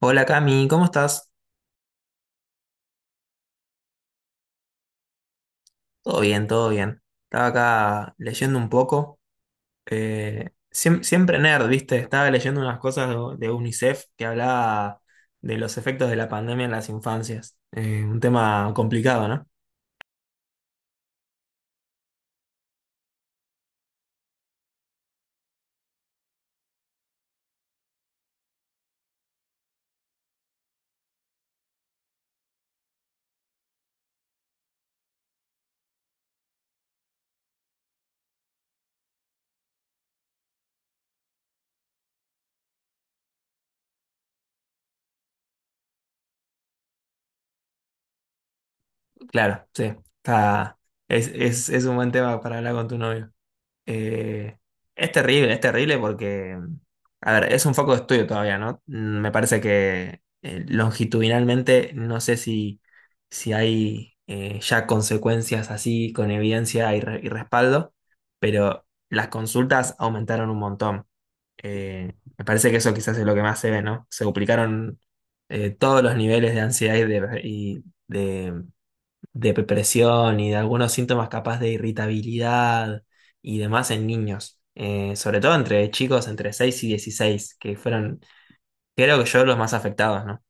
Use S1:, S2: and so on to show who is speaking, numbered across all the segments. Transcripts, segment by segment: S1: Hola Cami, ¿cómo estás? Todo bien, todo bien. Estaba acá leyendo un poco. Siempre nerd, ¿viste? Estaba leyendo unas cosas de UNICEF que hablaba de los efectos de la pandemia en las infancias. Un tema complicado, ¿no? Claro, sí. Está, es un buen tema para hablar con tu novio. Eh, es terrible, es terrible porque, a ver, es un foco de estudio todavía, ¿no? Mm, me parece que longitudinalmente no sé si, si hay ya consecuencias así con evidencia y respaldo, pero las consultas aumentaron un montón. Me parece que eso quizás es lo que más se ve, ¿no? Se duplicaron todos los niveles de ansiedad y de, de depresión y de algunos síntomas capaz de irritabilidad y demás en niños. Sobre todo entre chicos entre 6 y 16 que fueron, creo que yo, los más afectados, ¿no?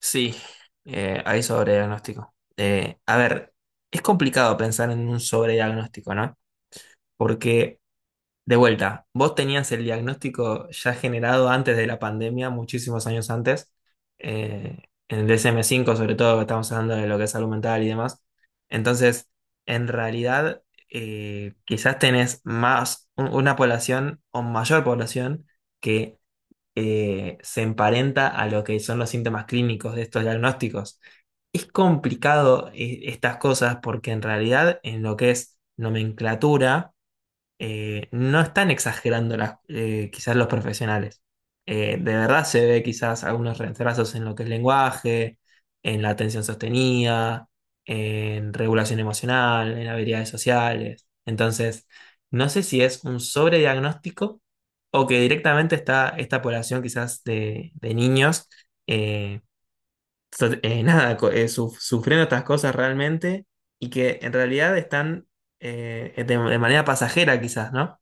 S1: Sí, hay sobrediagnóstico. A ver, es complicado pensar en un sobrediagnóstico, ¿no? Porque, de vuelta, vos tenías el diagnóstico ya generado antes de la pandemia, muchísimos años antes, eh, en el DSM 5, sobre todo, que estamos hablando de lo que es salud mental y demás. Entonces, en realidad, quizás tenés más, una población o mayor población que se emparenta a lo que son los síntomas clínicos de estos diagnósticos. Es complicado, estas cosas porque en realidad en lo que es nomenclatura, no están exagerando quizás los profesionales. De verdad se ve quizás algunos retrasos en lo que es lenguaje, en la atención sostenida, en regulación emocional, en habilidades sociales. Entonces, no sé si es un sobrediagnóstico o que directamente está esta población quizás de niños, eh, nada, sufriendo estas cosas realmente y que en realidad están de manera pasajera quizás, ¿no?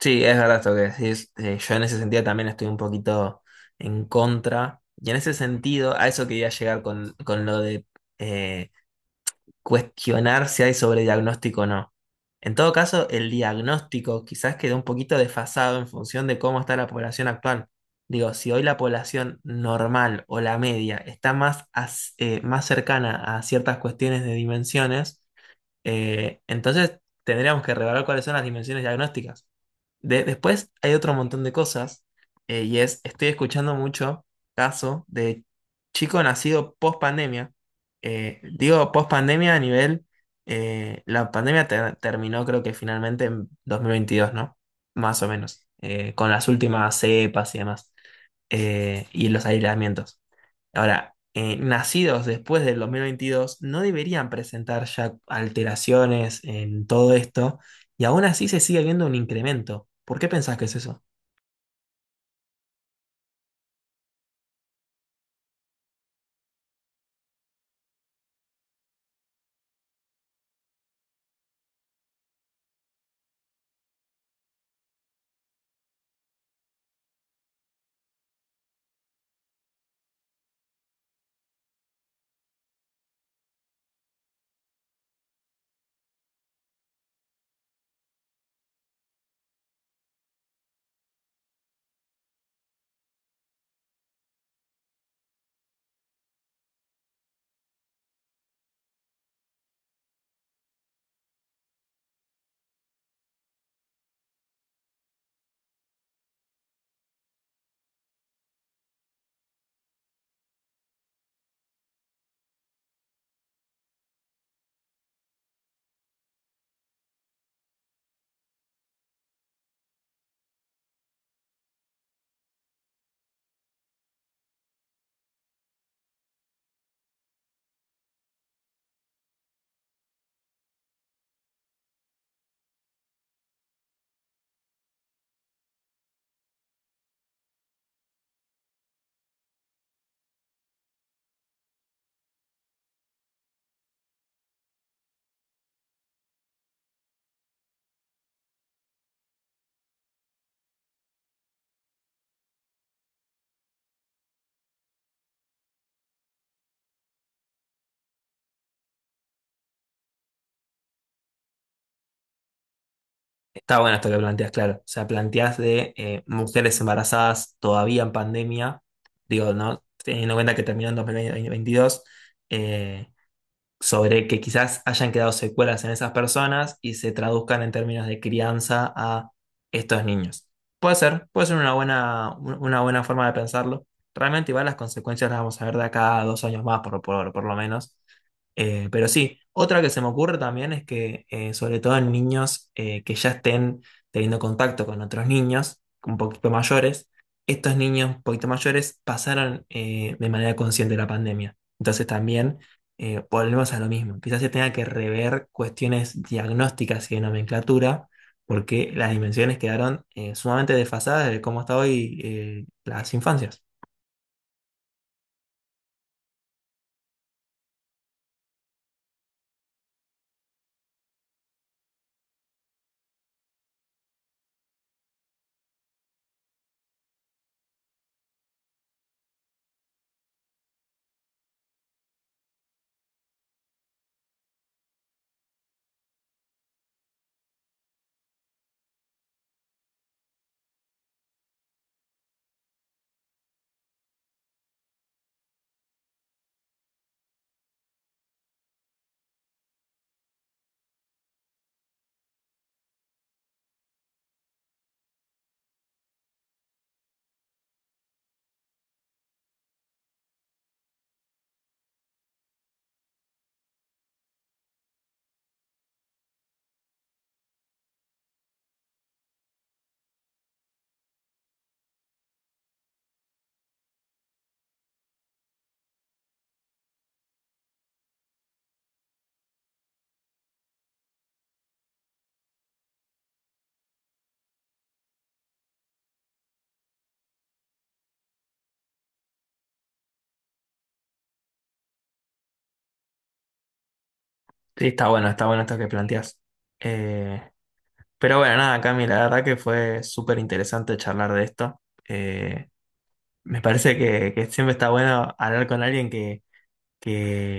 S1: Sí, es verdad esto que decís. Yo en ese sentido también estoy un poquito en contra. Y en ese sentido, a eso quería llegar con lo de eh, cuestionar si hay sobrediagnóstico o no. En todo caso, el diagnóstico quizás quedó un poquito desfasado en función de cómo está la población actual. Digo, si hoy la población normal o la media está más cercana a ciertas cuestiones de dimensiones, entonces tendríamos que revelar cuáles son las dimensiones diagnósticas. Después hay otro montón de cosas, y es, estoy escuchando mucho caso de chico nacido post pandemia. Digo post pandemia a nivel, la pandemia terminó creo que finalmente en 2022, ¿no? Más o menos, con las últimas cepas y demás, y los aislamientos. Ahora, nacidos después del 2022 no deberían presentar ya alteraciones en todo esto y aún así se sigue viendo un incremento. ¿Por qué pensás que es eso? Está bueno esto que planteas, claro. O sea, planteas de mujeres embarazadas todavía en pandemia, digo, ¿no? Teniendo en cuenta que terminó en 2022, sobre que quizás hayan quedado secuelas en esas personas y se traduzcan en términos de crianza a estos niños. Puede ser una buena forma de pensarlo. Realmente igual las consecuencias las vamos a ver de acá a dos años más, por lo menos. Pero sí, otra que se me ocurre también es que, sobre todo en niños que ya estén teniendo contacto con otros niños un poquito mayores, estos niños un poquito mayores pasaron de manera consciente la pandemia. Entonces también volvemos a lo mismo. Quizás se tenga que rever cuestiones diagnósticas y de nomenclatura, porque las dimensiones quedaron sumamente desfasadas de cómo está hoy las infancias. Sí, está bueno esto que planteas. Eh, pero bueno, nada, Cami, la verdad que fue súper interesante charlar de esto. Eh, me parece que siempre está bueno hablar con alguien que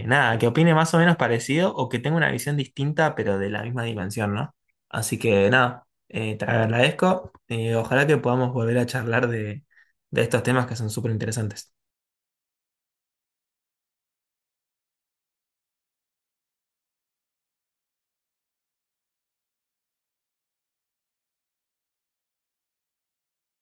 S1: nada, que opine más o menos parecido o que tenga una visión distinta, pero de la misma dimensión, ¿no? Así que nada, te agradezco. Ojalá que podamos volver a charlar de estos temas que son súper interesantes.